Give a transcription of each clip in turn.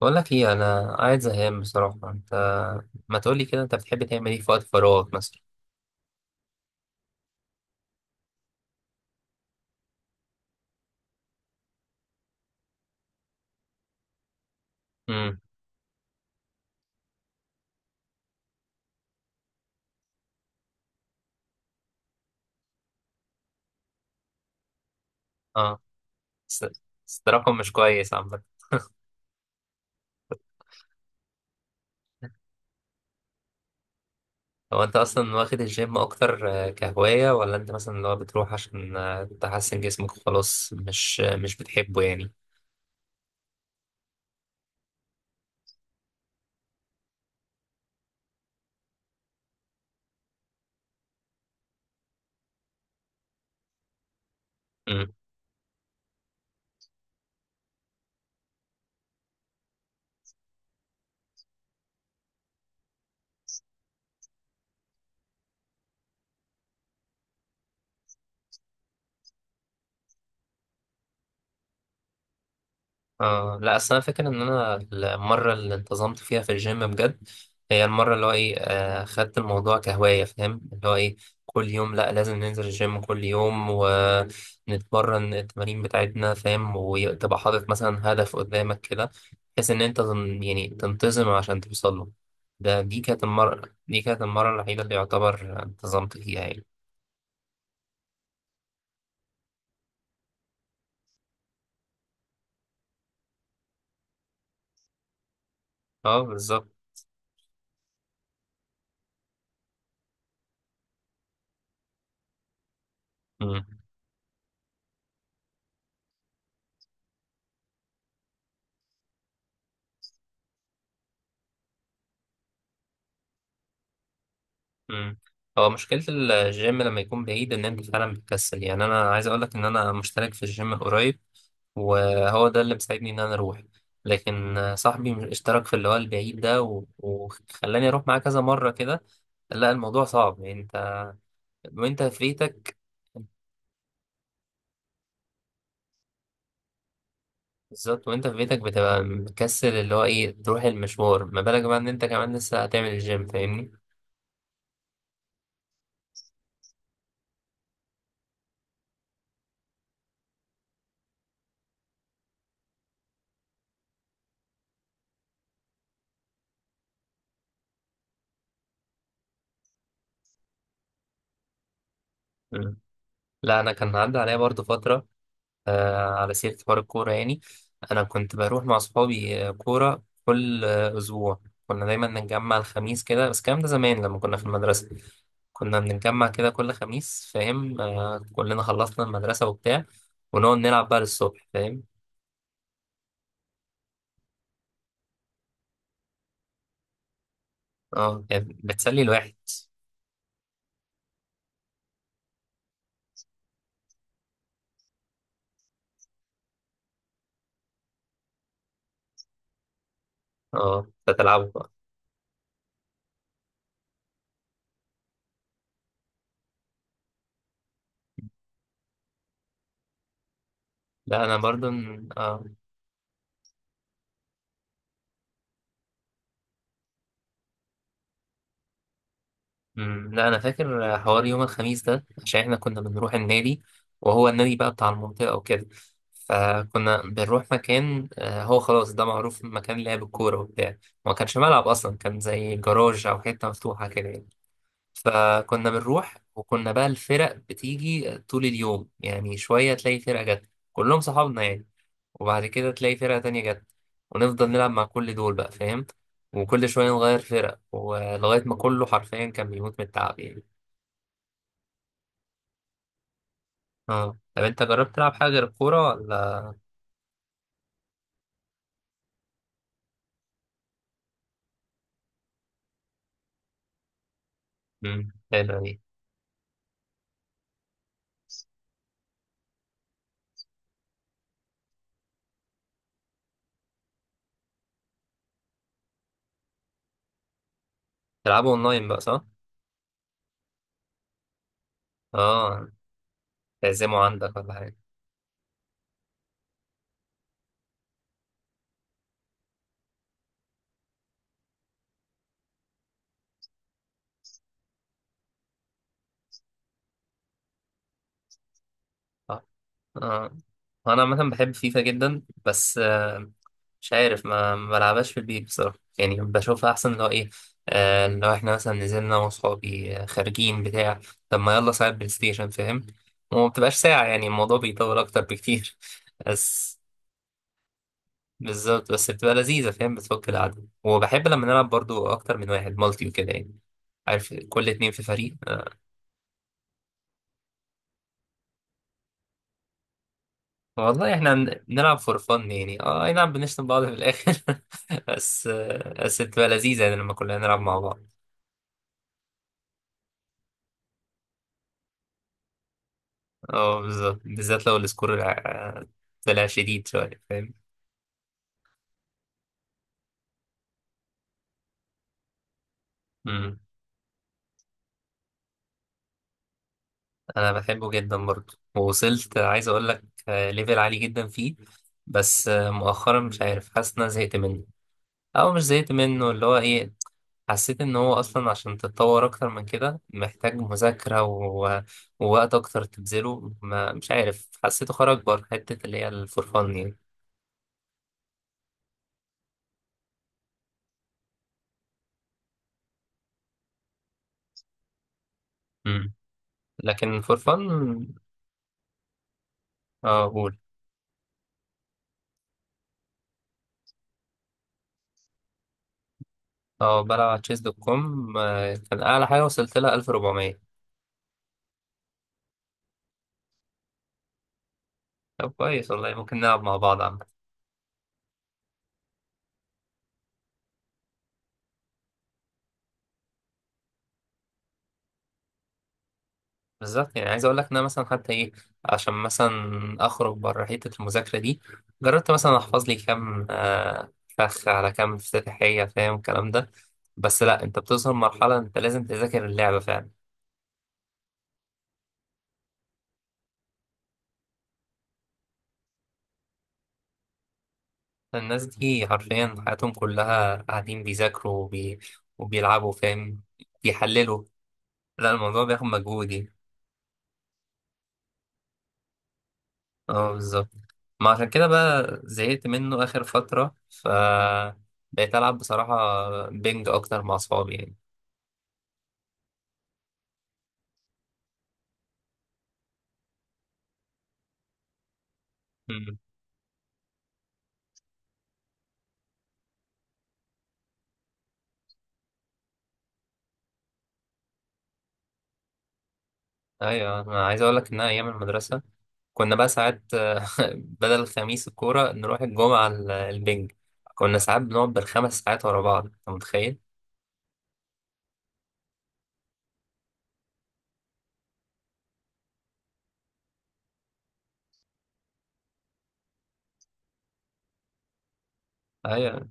بقول لك ايه، انا قاعد زهقان بصراحه انت. ما تقولي كده، انت بتحب تعمل ايه في وقت فراغك مثلا؟ امم اه، بس بس ده رقم مش كويس عامه. هو انت اصلا واخد الجيم اكتر كهوايه ولا انت مثلا اللي هو بتروح عشان تحسن جسمك وخلاص مش بتحبه يعني؟ اه، لا اصل انا فاكر ان انا المره اللي انتظمت فيها في الجيم بجد هي المره اللي هو ايه خدت الموضوع كهوايه، فاهم اللي هو ايه، كل يوم لا، لازم ننزل الجيم كل يوم ونتمرن التمارين بتاعتنا، فاهم، وتبقى حاطط مثلا هدف قدامك كده بحيث ان انت يعني تنتظم عشان توصل له. ده دي كانت المره دي كانت المره الوحيده اللي يعتبر انتظمت فيها يعني. اه، بالظبط. مم. هو مشكلة الجيم لما يكون بعيد إن أنت فعلا بتكسل، يعني أنا عايز أقولك إن أنا مشترك في الجيم قريب وهو ده اللي مساعدني إن أنا أروح. لكن صاحبي اشترك في اللي هو البعيد ده و- وخلاني أروح معاه كذا مرة كده. لا، الموضوع صعب يعني، وأنت في بيتك. بالظبط، وأنت في بيتك بتبقى مكسل اللي هو إيه تروح المشوار، ما بالك بقى إن أنت كمان لسه هتعمل الجيم، فاهمني؟ مم. لا، أنا كان عدى عليا برضه فترة على سيرة حوار الكورة يعني. أنا كنت بروح مع أصحابي كورة كل أسبوع. كنا دايما نتجمع الخميس كده، بس الكلام ده زمان لما كنا في المدرسة. كنا بنتجمع كده كل خميس، فاهم، كلنا خلصنا المدرسة وبتاع، ونقعد نلعب بقى للصبح، فاهم. اه، يعني بتسلي الواحد. اه، بتلعبه بقى. لا، أنا برضو آه مم، لا انا فاكر حوار يوم الخميس ده عشان احنا كنا بنروح النادي، وهو النادي بقى بتاع المنطقه وكده. فكنا بنروح مكان هو خلاص ده معروف مكان لعب الكوره وبتاع. ما كانش ملعب اصلا، كان زي جراج او حته مفتوحه كده يعني. فكنا بنروح وكنا بقى الفرق بتيجي طول اليوم يعني، شويه تلاقي فرقه جت كلهم صحابنا يعني، وبعد كده تلاقي فرقة تانية جت، ونفضل نلعب مع كل دول بقى، فاهم، وكل شوية نغير فرق ولغاية ما كله حرفيا كان بيموت من التعب يعني. اه، طب انت جربت تلعب حاجة غير الكورة ولا؟ حلوة دي. تلعبوا اونلاين بقى صح؟ اه، تعزموا عندك ولا حاجة؟ آه. آه. انا عامه بحب فيفا جدا، بس آه، مش عارف، ما بلعبهاش في البيت بصراحه يعني، بشوفها احسن لو ايه، لو احنا مثلا نزلنا أنا واصحابي خارجين بتاع. طب ما يلا ساعه بلاي ستيشن، فاهم، وما بتبقاش ساعه يعني، الموضوع بيطول اكتر بكتير بس. بالظبط، بس بتبقى لذيذه، فاهم، بتفك القعده، وبحب لما نلعب برضو اكتر من واحد، مالتي وكده يعني. عارف، كل اتنين في فريق. والله احنا بنلعب فور فن، يعني اه أي نعم بنشتم بعض في الاخر بس بس بتبقى لذيذة يعني لما كلنا نلعب مع بعض. اه، بالظبط، بالذات لو السكور طلع شديد شوية، فاهم. مم. أنا بحبه جدا برضه، ووصلت عايز أقول لك ليفل عالي جدا فيه. بس آه، مؤخرا مش عارف، حاسس إن أنا زهقت منه، أو مش زهقت منه اللي هو إيه، حسيت إن هو أصلا عشان تتطور أكتر من كده محتاج مذاكرة ووقت أكتر تبذله، ما مش عارف، حسيته خرج بره حتة اللي هي الفور فن يعني. مم. لكن فور فن. اه، قول. اه، بلعب على تشيس دوت كوم، كان اعلى حاجه وصلت لها 1400. طب، كويس والله، ممكن نلعب مع بعض عامة. بالظبط، يعني عايز اقول لك ان انا مثلا حتى ايه، عشان مثلا اخرج بره حته المذاكره دي، جربت مثلا احفظ لي كام فخ على كام افتتاحيه، فاهم الكلام ده، بس لا انت بتوصل مرحله انت لازم تذاكر اللعبه فعلا. الناس دي حرفيا حياتهم كلها قاعدين بيذاكروا وبيلعبوا، فاهم، بيحللوا، لا الموضوع بياخد مجهود يعني. اه، بالظبط، ما عشان كده بقى زهقت منه آخر فترة بقيت ألعب بصراحة بينج أكتر مع أصحابي يعني. مم. أيوة، أنا عايز أقول لك إن أنا أيام المدرسة كنا بقى ساعات بدل الخميس الكورة نروح الجمعة البينج. كنا ساعات بنقعد بالخمس ساعات ورا بعض، أنت متخيل؟ أيوة.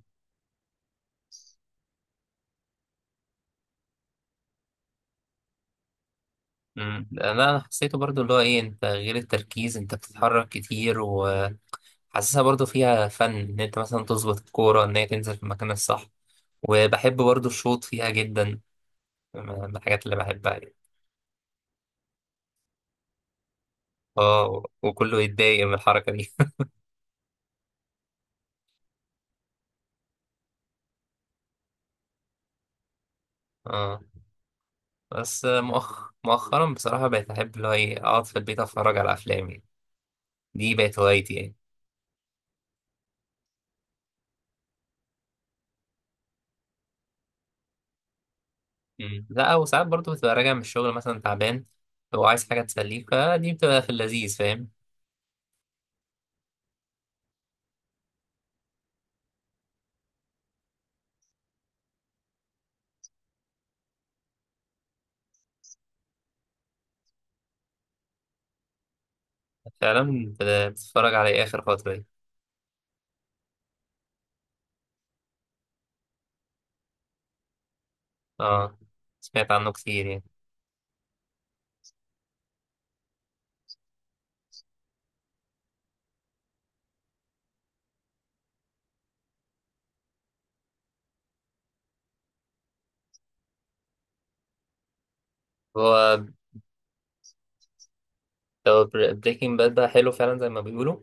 مم. لا، أنا حسيته برضو اللي هو إيه، أنت غير التركيز أنت بتتحرك كتير وحاسسها، برضو فيها فن إن أنت مثلا تظبط الكورة إن هي تنزل في المكان الصح، وبحب برضو الشوط فيها جدا، من الحاجات اللي بحبها يعني. اه، وكله يتضايق من الحركة دي. اه، بس مؤخرا بصراحة بقيت أحب اللي هو إيه أقعد في البيت أتفرج على أفلام يعني، دي بقت هوايتي يعني. مم. لا، وساعات برضو بتبقى راجع من الشغل مثلا تعبان وعايز حاجة تسليك، فدي بتبقى في اللذيذ، فاهم. فعلا بتتفرج على إيه آخر فترة دي؟ اه، سمعت عنه كتير يعني، هو بريكنج باد بقى حلو فعلا زي ما بيقولوا؟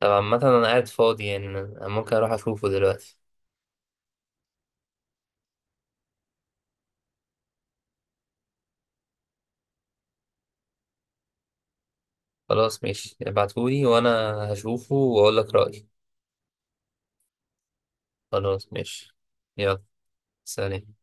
طب عامة أنا قاعد فاضي يعني، أنا ممكن أروح أشوفه دلوقتي. خلاص، ماشي، ابعتهولي وأنا هشوفه وأقول لك رأيي. خلاص ماشي. يلا. سلام.